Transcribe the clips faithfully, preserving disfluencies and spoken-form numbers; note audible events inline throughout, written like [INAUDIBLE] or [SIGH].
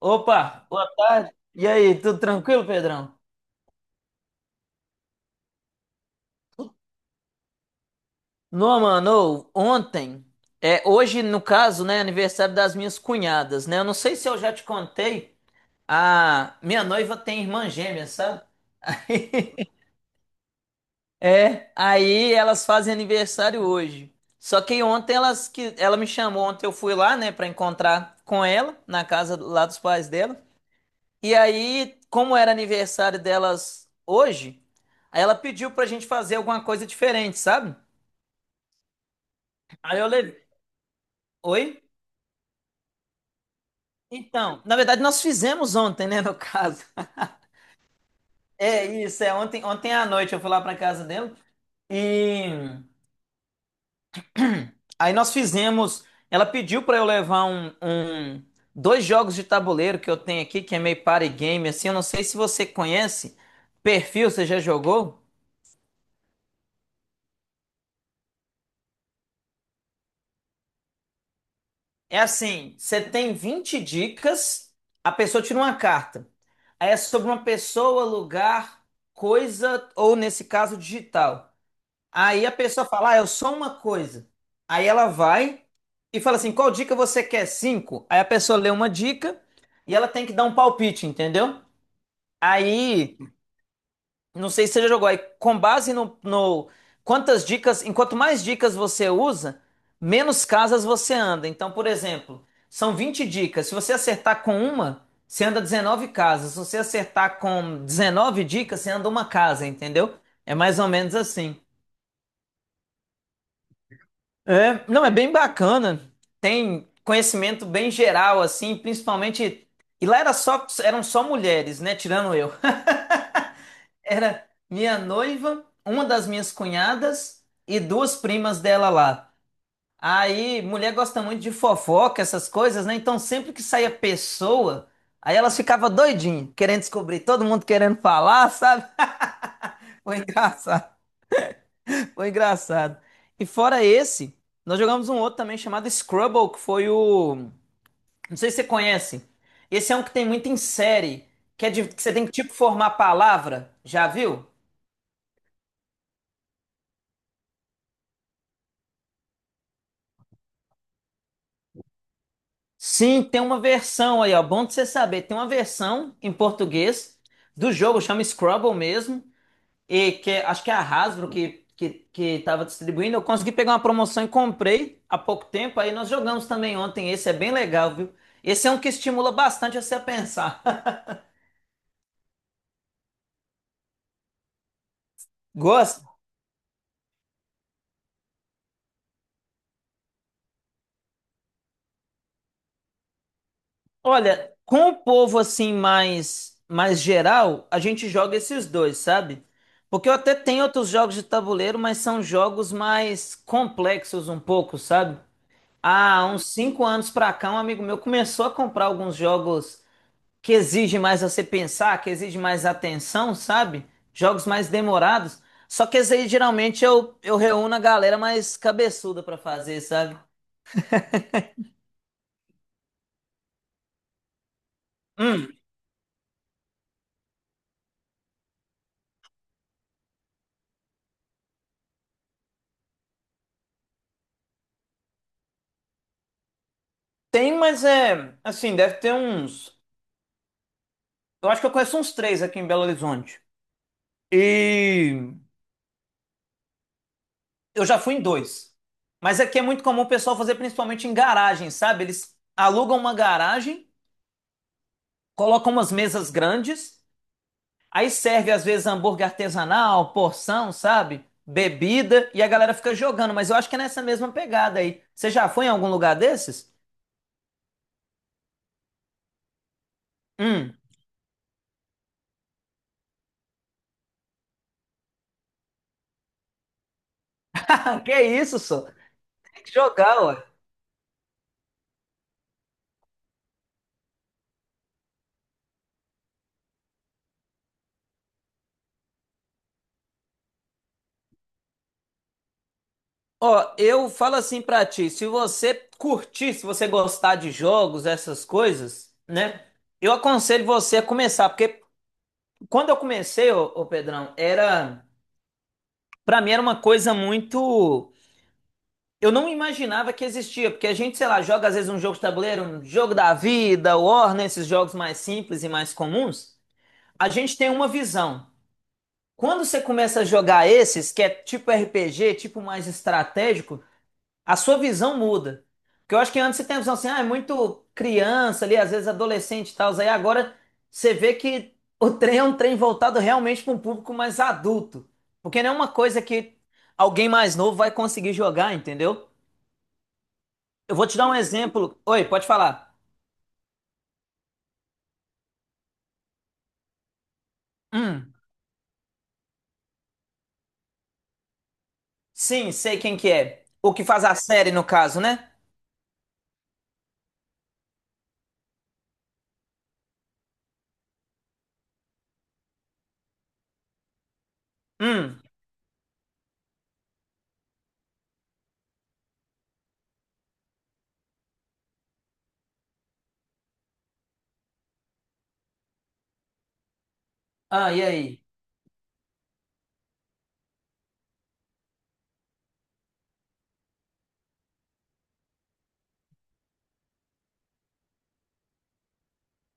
Opa, boa tarde. E aí, tudo tranquilo, Pedrão? Não, mano, ô, ontem, é hoje no caso, né, aniversário das minhas cunhadas, né? Eu não sei se eu já te contei, a minha noiva tem irmã gêmea, sabe? [LAUGHS] É, aí elas fazem aniversário hoje. Só que ontem elas que ela me chamou, ontem eu fui lá, né, pra encontrar com ela na casa lá dos pais dela. E aí, como era aniversário delas hoje, aí ela pediu pra gente fazer alguma coisa diferente, sabe? Aí eu levei. Oi? Então, na verdade, nós fizemos ontem, né, no caso. É isso, é ontem, ontem à noite eu fui lá pra casa dela e aí nós fizemos. Ela pediu pra eu levar um, um- dois jogos de tabuleiro que eu tenho aqui, que é meio party game, assim. Eu não sei se você conhece. Perfil, você já jogou? É assim, você tem vinte dicas, a pessoa tira uma carta. Aí é sobre uma pessoa, lugar, coisa, ou nesse caso, digital. Aí a pessoa fala, ah, eu sou uma coisa. Aí ela vai e fala assim, qual dica você quer? Cinco. Aí a pessoa lê uma dica e ela tem que dar um palpite, entendeu? Aí não sei se você já jogou aí. Com base no, no- quantas dicas, enquanto mais dicas você usa, menos casas você anda. Então, por exemplo, são vinte dicas. Se você acertar com uma, você anda dezenove casas. Se você acertar com dezenove dicas, você anda uma casa, entendeu? É mais ou menos assim. É, não, é bem bacana. Tem conhecimento bem geral assim, principalmente e lá era só eram só mulheres, né, tirando eu. Era minha noiva, uma das minhas cunhadas e duas primas dela lá. Aí, mulher gosta muito de fofoca, essas coisas, né? Então, sempre que saía pessoa, aí elas ficavam doidinhas, querendo descobrir, todo mundo querendo falar, sabe? [LAUGHS] Foi engraçado, foi engraçado. E fora esse, nós jogamos um outro também chamado Scrabble, que foi o. Não sei se você conhece. Esse é um que tem muito em série, que é de que você tem que tipo formar palavra, já viu? Sim, tem uma versão aí, ó. Bom de você saber. Tem uma versão em português do jogo, chama Scrabble mesmo. E que é- acho que é a Hasbro que, que, que tava distribuindo. Eu consegui pegar uma promoção e comprei há pouco tempo. Aí nós jogamos também ontem. Esse é bem legal, viu? Esse é um que estimula bastante você a pensar. [LAUGHS] Gosta? Olha, com o povo assim mais, mais geral, a gente joga esses dois, sabe? Porque eu até tenho outros jogos de tabuleiro, mas são jogos mais complexos um pouco, sabe? Há uns cinco anos pra cá, um amigo meu começou a comprar alguns jogos que exigem mais você pensar, que exigem mais atenção, sabe? Jogos mais demorados. Só que esse aí geralmente eu, eu reúno a galera mais cabeçuda pra fazer, sabe? Hum, tem, mas é. Assim, deve ter uns. Eu acho que eu conheço uns três aqui em Belo Horizonte. E eu já fui em dois. Mas aqui é muito comum o pessoal fazer principalmente em garagem, sabe? Eles alugam uma garagem, colocam umas mesas grandes. Aí serve às vezes hambúrguer artesanal, porção, sabe? Bebida e a galera fica jogando, mas eu acho que é nessa mesma pegada aí. Você já foi em algum lugar desses? Hum. [LAUGHS] Ah, que isso, só? Tem que jogar, ué. Ó, eu falo assim pra ti, se você curtir, se você gostar de jogos, essas coisas, né? Eu aconselho você a começar, porque quando eu comecei, ô, ô Pedrão, era, pra mim era uma coisa muito. Eu não imaginava que existia, porque a gente, sei lá, joga às vezes um jogo de tabuleiro, um jogo da vida, War, né, esses jogos mais simples e mais comuns, a gente tem uma visão. Quando você começa a jogar esses, que é tipo R P G, tipo mais estratégico, a sua visão muda. Porque eu acho que antes você tem a visão assim, ah, é muito criança ali, às vezes adolescente e tal, aí agora você vê que o trem é um trem voltado realmente para um público mais adulto. Porque não é uma coisa que alguém mais novo vai conseguir jogar, entendeu? Eu vou te dar um exemplo. Oi, pode falar. Hum, sim, sei quem que é. O que faz a série, no caso, né? Hum. Ah, e aí?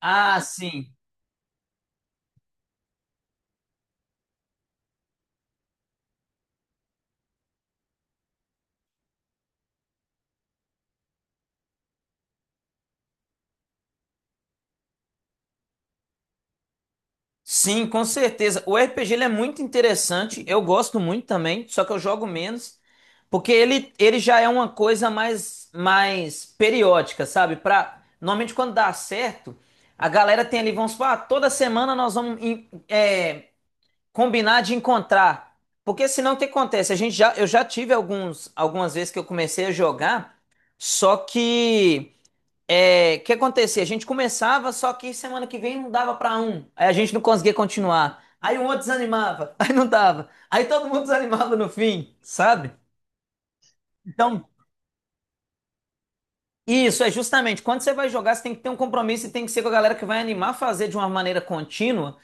Ah, sim. Sim, com certeza. O R P G ele é muito interessante. Eu gosto muito também, só que eu jogo menos, porque ele, ele já é uma coisa mais mais periódica, sabe? Pra, normalmente quando dá certo, a galera tem ali, vamos supor, ah, toda semana nós vamos combinar de encontrar. Porque senão o que acontece? A gente já, eu já tive alguns, algumas vezes que eu comecei a jogar, só que é, o que acontecia? A gente começava, só que semana que vem não dava pra um. Aí a gente não conseguia continuar. Aí o outro desanimava, [LAUGHS] aí não dava. Aí todo mundo desanimava no fim, sabe? Então, isso, é justamente. Quando você vai jogar, você tem que ter um compromisso e tem que ser com a galera que vai animar a fazer de uma maneira contínua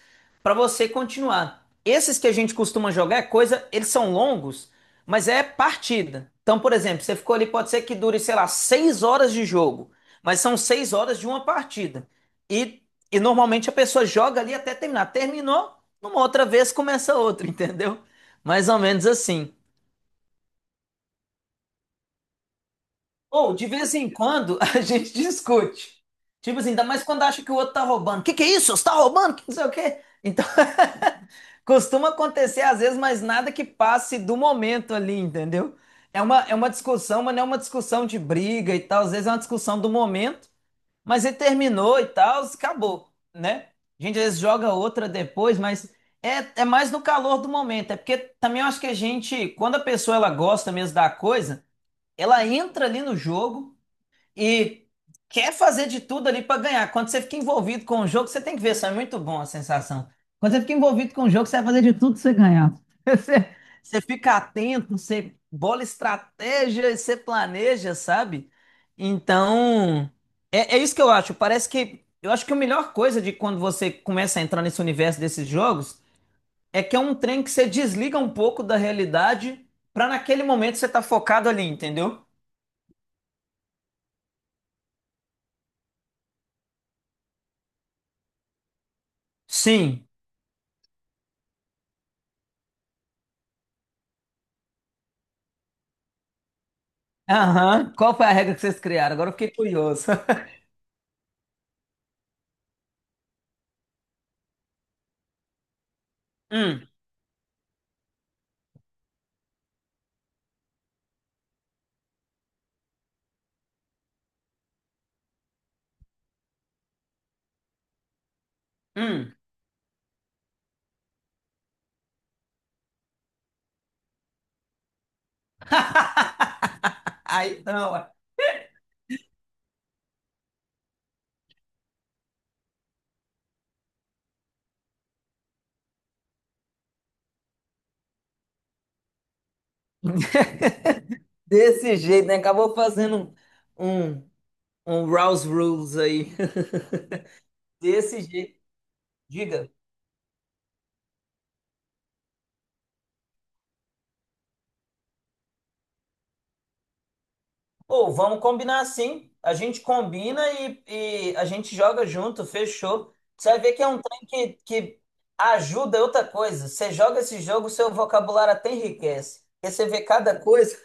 para você continuar. Esses que a gente costuma jogar é coisa, eles são longos, mas é partida. Então, por exemplo, você ficou ali, pode ser que dure, sei lá, seis horas de jogo, mas são seis horas de uma partida. E, e normalmente a pessoa joga ali até terminar. Terminou, numa outra vez começa outra, [LAUGHS] entendeu? Mais ou menos assim. Ou, de vez em quando, a [LAUGHS] gente discute. Tipo assim, ainda mais quando acha que o outro tá roubando. Que que é isso? Você tá roubando? Que não sei o quê. Então, [LAUGHS] costuma acontecer às vezes, mas nada que passe do momento ali, entendeu? É uma, é uma discussão, mas não é uma discussão de briga e tal. Às vezes é uma discussão do momento, mas ele terminou e tal, acabou, né? A gente às vezes joga outra depois, mas é, é mais no calor do momento. É porque também eu acho que a gente, quando a pessoa ela gosta mesmo da coisa, ela entra ali no jogo e quer fazer de tudo ali para ganhar. Quando você fica envolvido com o jogo, você tem que ver, isso é muito bom a sensação. Quando você fica envolvido com o jogo, você vai fazer de tudo para você ganhar. [LAUGHS] Você, você fica atento, você bola estratégia, e você planeja, sabe? Então, é, é isso que eu acho. Parece que eu acho que a melhor coisa de quando você começa a entrar nesse universo desses jogos é que é um trem que você desliga um pouco da realidade para naquele momento você tá focado ali, entendeu? Sim, aham. Qual foi a regra que vocês criaram? Agora eu fiquei curioso. [LAUGHS] Hum, hum. [LAUGHS] Aí não, ué. Desse jeito, né? Acabou fazendo um, um, um Rouse Rules aí. [LAUGHS] Desse jeito. Diga. Ou vamos combinar assim. A gente combina e, e a gente joga junto, fechou. Você vai ver que é um trem que, que ajuda outra coisa. Você joga esse jogo, seu vocabulário até enriquece. Porque você vê cada coisa.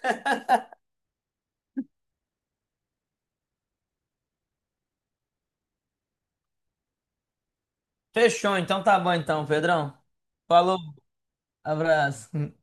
Fechou, então tá bom então, Pedrão. Falou. Abraço.